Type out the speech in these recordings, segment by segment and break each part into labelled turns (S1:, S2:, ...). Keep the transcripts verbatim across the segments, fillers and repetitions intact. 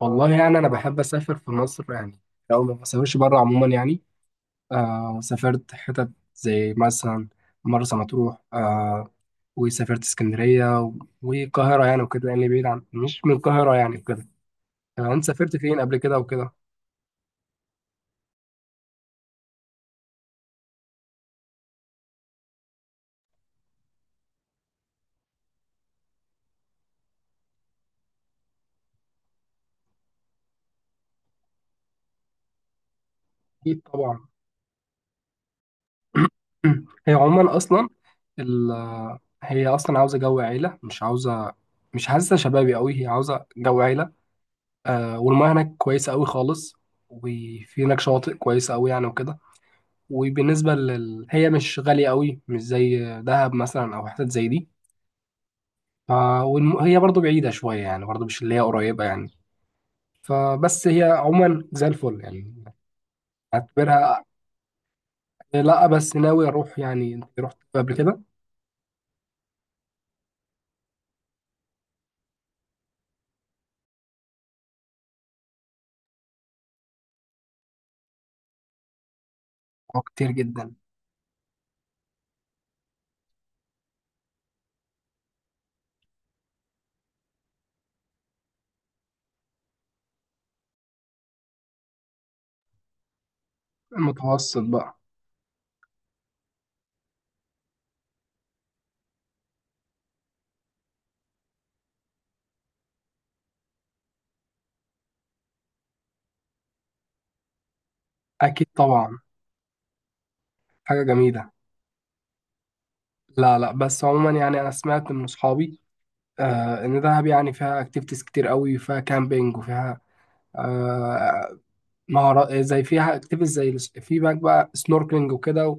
S1: والله يعني أنا بحب أسافر في مصر يعني. لو ما بسافرش بره عموما يعني. آه سافرت حتت زي مثلا مرسى مطروح، آه. وسافرت اسكندرية و- والقاهرة يعني وكده يعني، بعيد عن مش من القاهرة يعني وكده. آه، أنت سافرت فين قبل كده وكده؟ أكيد طبعا. هي عموما أصلا ال هي أصلا عاوزة جو عيلة، مش عاوزة. مش حاسة شبابي أوي، هي عاوزة جو عيلة. آه، والمياه هناك كويسة أوي خالص، وفي هناك شواطئ كويسة أوي يعني وكده. وبالنسبة لل... هي مش غالية قوي، مش زي دهب مثلا أو حتت زي دي. ف... والم... هي برضو بعيدة شوية يعني، برضو مش اللي هي قريبة يعني. فبس هي عموما زي الفل يعني، اعتبرها. لا، بس ناوي أروح يعني. أنت رحت قبل كده؟ أه، كتير جدا. المتوسط بقى. أكيد طبعا، حاجة جميلة. لا لا، بس عموما يعني أنا سمعت من أصحابي آه إن دهب يعني فيها أكتيفيتيز كتير قوي، فيها كامبينج وفيها، آه، مهارات إيه، زي فيها اكتيفيتيز زي الس- في هناك بقى سنوركلينج وكده.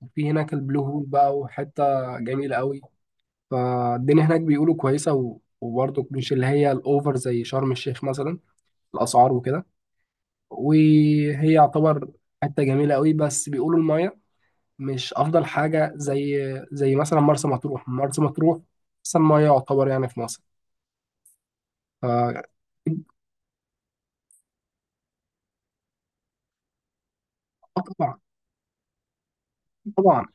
S1: وفي هناك البلو هول بقى وحته جميله قوي. فالدنيا هناك بيقولوا كويسه و... وبرضه مش اللي هي الاوفر زي شرم الشيخ مثلا، الاسعار وكده. وهي يعتبر حته جميله قوي، بس بيقولوا المايه مش افضل حاجه زي زي مثلا مرسى مطروح. مرسى مطروح احسن مايه يعتبر يعني في مصر. ف- آه. طبعا. طبعا.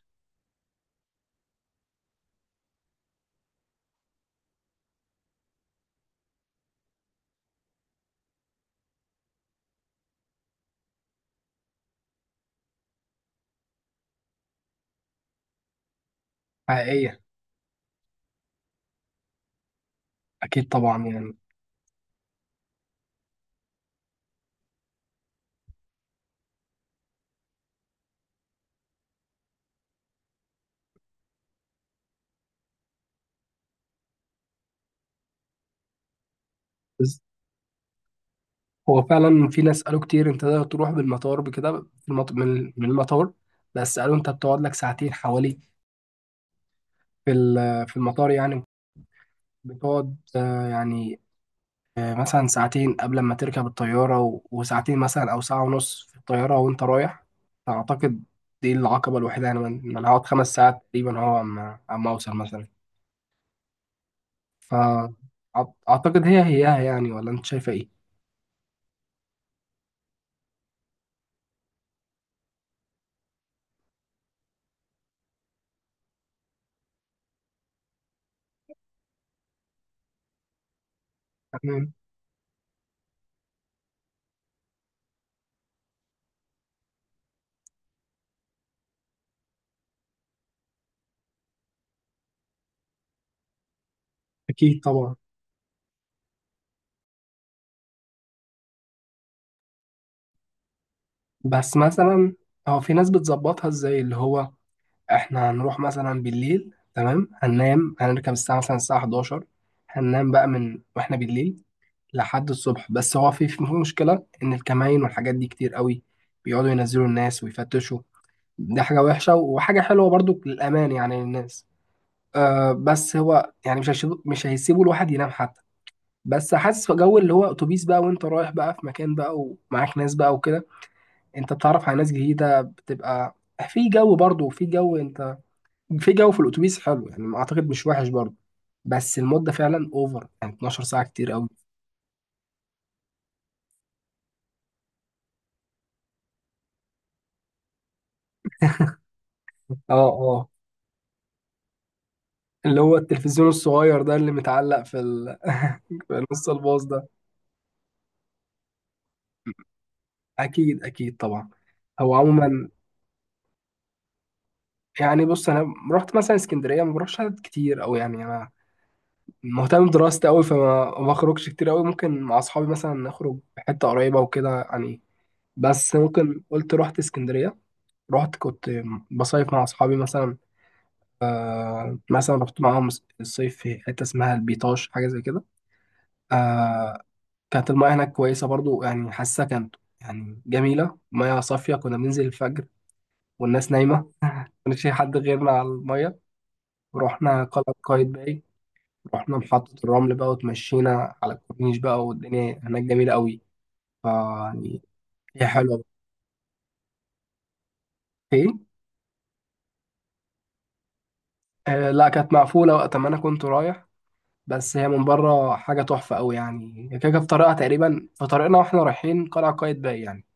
S1: حقيقيه. اكيد طبعا يعني. هو فعلا في ناس قالوا كتير انت تقدر تروح بالمطار بكده، في المط... من من المطار. بس قالوا انت بتقعد لك ساعتين حوالي في ال- في المطار يعني. بتقعد، آه، يعني، آه، مثلا ساعتين قبل ما تركب الطيارة و... وساعتين مثلا او ساعة ونص في الطيارة وانت رايح. فاعتقد دي العقبة الوحيدة يعني، من... من انا هقعد خمس ساعات تقريبا هو عم... عم اوصل مثلا. فاعتقد هي هيها يعني، ولا انت شايفة ايه؟ تمام. اكيد طبعا. بس مثلا هو في ناس بتظبطها ازاي، اللي هو احنا هنروح مثلا بالليل تمام، هننام، هنركب الساعة مثلا الساعة إحدى عشرة، هننام بقى من واحنا بالليل لحد الصبح. بس هو في في مشكلة ان الكمائن والحاجات دي كتير قوي، بيقعدوا ينزلوا الناس ويفتشوا. دي حاجة وحشة وحاجة حلوة برضو للأمان يعني للناس. آه، بس هو يعني مش هيسيبوا مش هيسيبوا الواحد ينام حتى. بس حاسس في جو اللي هو اتوبيس بقى، وانت رايح بقى في مكان بقى، ومعاك ناس بقى وكده. انت بتتعرف على ناس جديدة، بتبقى في جو برضو، في جو، انت في جو في الاتوبيس حلو يعني، ما اعتقد مش وحش برضه. بس المده فعلا اوفر يعني، اتناشر ساعه كتير قوي. اه. اه. اللي هو التلفزيون الصغير ده اللي متعلق في ال... في نص الباص ده. اكيد اكيد طبعا. هو عموما يعني، بص انا رحت مثلا اسكندريه، ما بروحش عدد كتير او يعني، انا مهتم بدراستي قوي، فما ما بخرجش كتير قوي. ممكن مع اصحابي مثلا نخرج في حته قريبه وكده يعني. بس ممكن، قلت رحت اسكندريه. رحت، كنت بصيف مع اصحابي مثلا، آه، مثلا رحت معاهم الصيف في حتة اسمها البيطاش، حاجة زي كده. آه. كانت المياه هناك كويسة برضو يعني، حاسة كانت يعني جميلة، مياه صافية. كنا بننزل الفجر والناس نايمة، ما كانش في حد غيرنا على المياه. ورحنا قلعة قايتباي، رحنا محطة الرمل بقى، وتمشينا على الكورنيش بقى، والدنيا هناك جميلة قوي. فيعني هي حلوة. ايه. آه، لا، كانت مقفولة وقت ما أنا كنت رايح. بس هي من بره حاجه تحفه قوي يعني، هي كده كده في طريقها تقريبا، في طريقنا واحنا رايحين قلعه قايتباي يعني.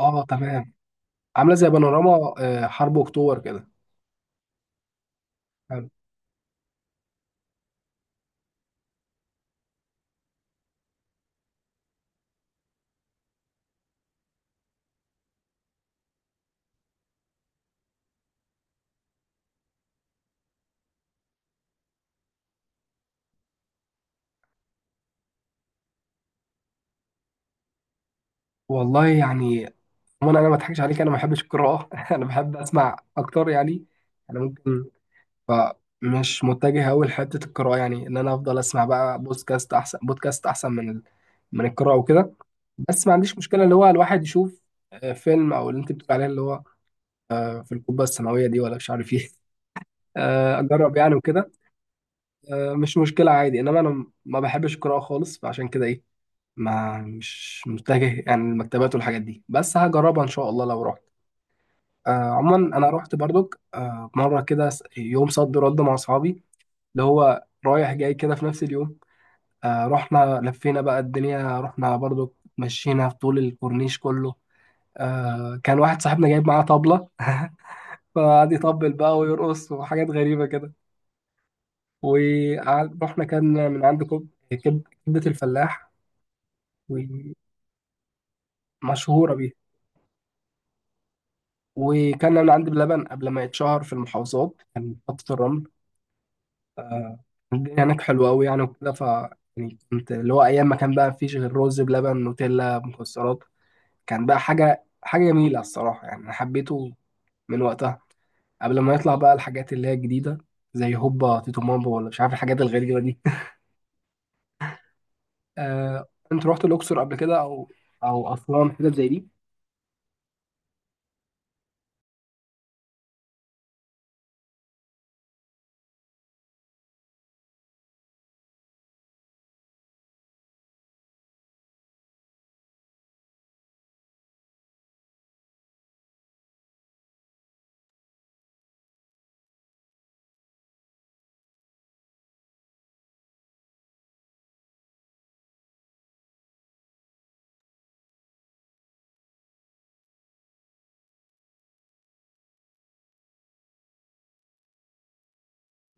S1: اه تمام. عامله زي بانوراما، آه، حرب اكتوبر كده. حلو. والله يعني عموما، انا ما اضحكش عليك، انا ما بحبش القراءه انا بحب اسمع اكتر يعني. انا ممكن، فمش متجه قوي لحته القراءه يعني، ان انا افضل اسمع بقى بودكاست احسن، بودكاست احسن من ال... من القراءه وكده. بس ما عنديش مشكله اللي هو الواحد يشوف، آه، فيلم او اللي انت بتقول عليه اللي هو، آه، في القبه السماويه دي ولا مش عارف ايه. آه، اجرب يعني وكده. آه، مش مشكله عادي، انما انا ما بحبش القراءه خالص، فعشان كده ايه، ما مش متجه يعني المكتبات والحاجات دي. بس هجربها ان شاء الله لو رحت. آه، عموما انا رحت برضك، آه، مره كده س- يوم صد رد مع اصحابي، اللي هو رايح جاي كده في نفس اليوم. آه، رحنا لفينا بقى الدنيا، رحنا برضك، مشينا في طول الكورنيش كله. آه، كان واحد صاحبنا جايب معاه طبلة فقعد يطبل بقى ويرقص وحاجات غريبة كده. ورحنا، كان من عند كب... كب... كبدة الفلاح، ومشهورة بيه. وكان من عند بلبن قبل ما يتشهر في المحافظات، كان محطة الرمل. آه. الدنيا هناك حلوة أوي يعني وكده. ف يعني كنت اللي هو أيام ما كان بقى مفيش غير رز بلبن، نوتيلا، مكسرات. كان بقى حاجة حاجة جميلة الصراحة يعني، أنا حبيته من وقتها قبل ما يطلع بقى الحاجات اللي هي الجديدة زي هوبا تيتو مامبو ولا مش عارف الحاجات الغريبة دي. آه، أنت رحت الأقصر قبل كده أو أو أسوان حتت زي دي؟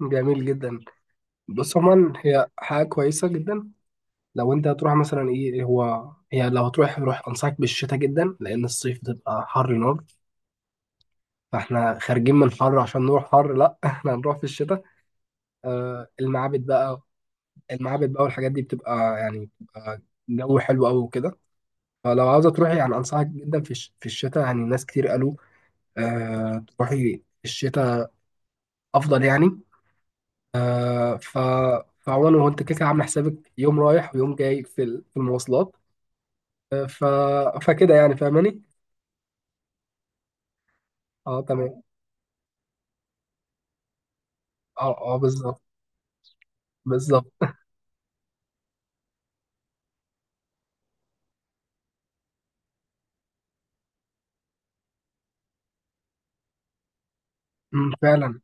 S1: جميل جدا. بص عموما هي حاجة كويسة جدا. لو انت هتروح مثلا ايه، إيه هو، هي لو هتروح روح، انصحك بالشتاء جدا، لان الصيف بتبقى حر نار. فاحنا خارجين من حر عشان نروح حر؟ لا احنا هنروح في الشتاء. آه، المعابد بقى، المعابد بقى والحاجات دي بتبقى يعني، بتبقى جو حلو قوي وكده. فلو عاوزة تروحي يعني انصحك جدا في الش- في الشتاء يعني. ناس كتير قالوا آه تروحي في الشتاء افضل يعني. آه، ف فعموما هو انت كده كده عامل حسابك يوم رايح ويوم جاي في ال- في المواصلات. آه، ف فكده يعني فاهماني. اه تمام. اه اه بالظبط. بالظبط. أمم، فعلا.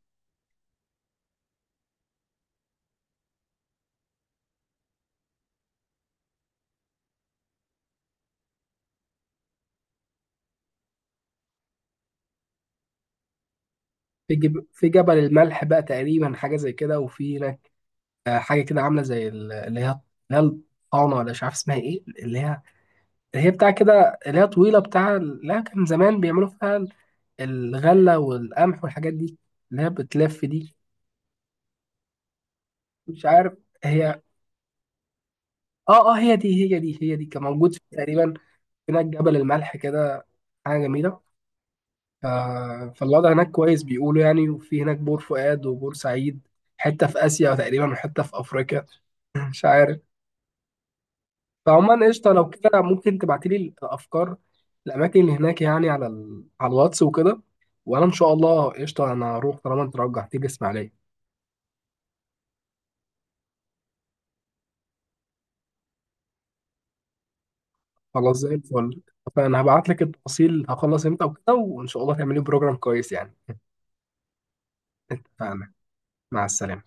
S1: في جب... في جبل الملح بقى تقريبا، حاجه زي كده. وفي هناك، آه، حاجه كده عامله زي ال- اللي هي اللي هي الطعنه ولا مش عارف اسمها ايه، اللي هي اللي هي بتاع كده، اللي هي طويله بتاع. لا، كان زمان بيعملوا فيها ال- الغله والقمح والحاجات دي، اللي هي بتلف دي. مش عارف. هي. اه اه، هي دي هي دي هي دي كان موجود في تقريبا هناك جبل الملح كده. حاجه جميله. آه، فالوضع هناك كويس بيقولوا يعني. وفي هناك بور فؤاد وبور سعيد، حته في اسيا تقريبا وحته في افريقيا مش عارف. فعموما قشطه، لو كده ممكن تبعتيلي الافكار، الاماكن اللي هناك، يعني على ال... على الواتس وكده. وانا ان شاء الله قشطه، انا هروح طالما انت رجعتي لي اسماعيليه. خلاص، زي الفل. فانا هبعت لك التفاصيل، هخلص امتى وكده، وان شاء الله تعملي بروجرام كويس يعني. اتفقنا. مع السلامه.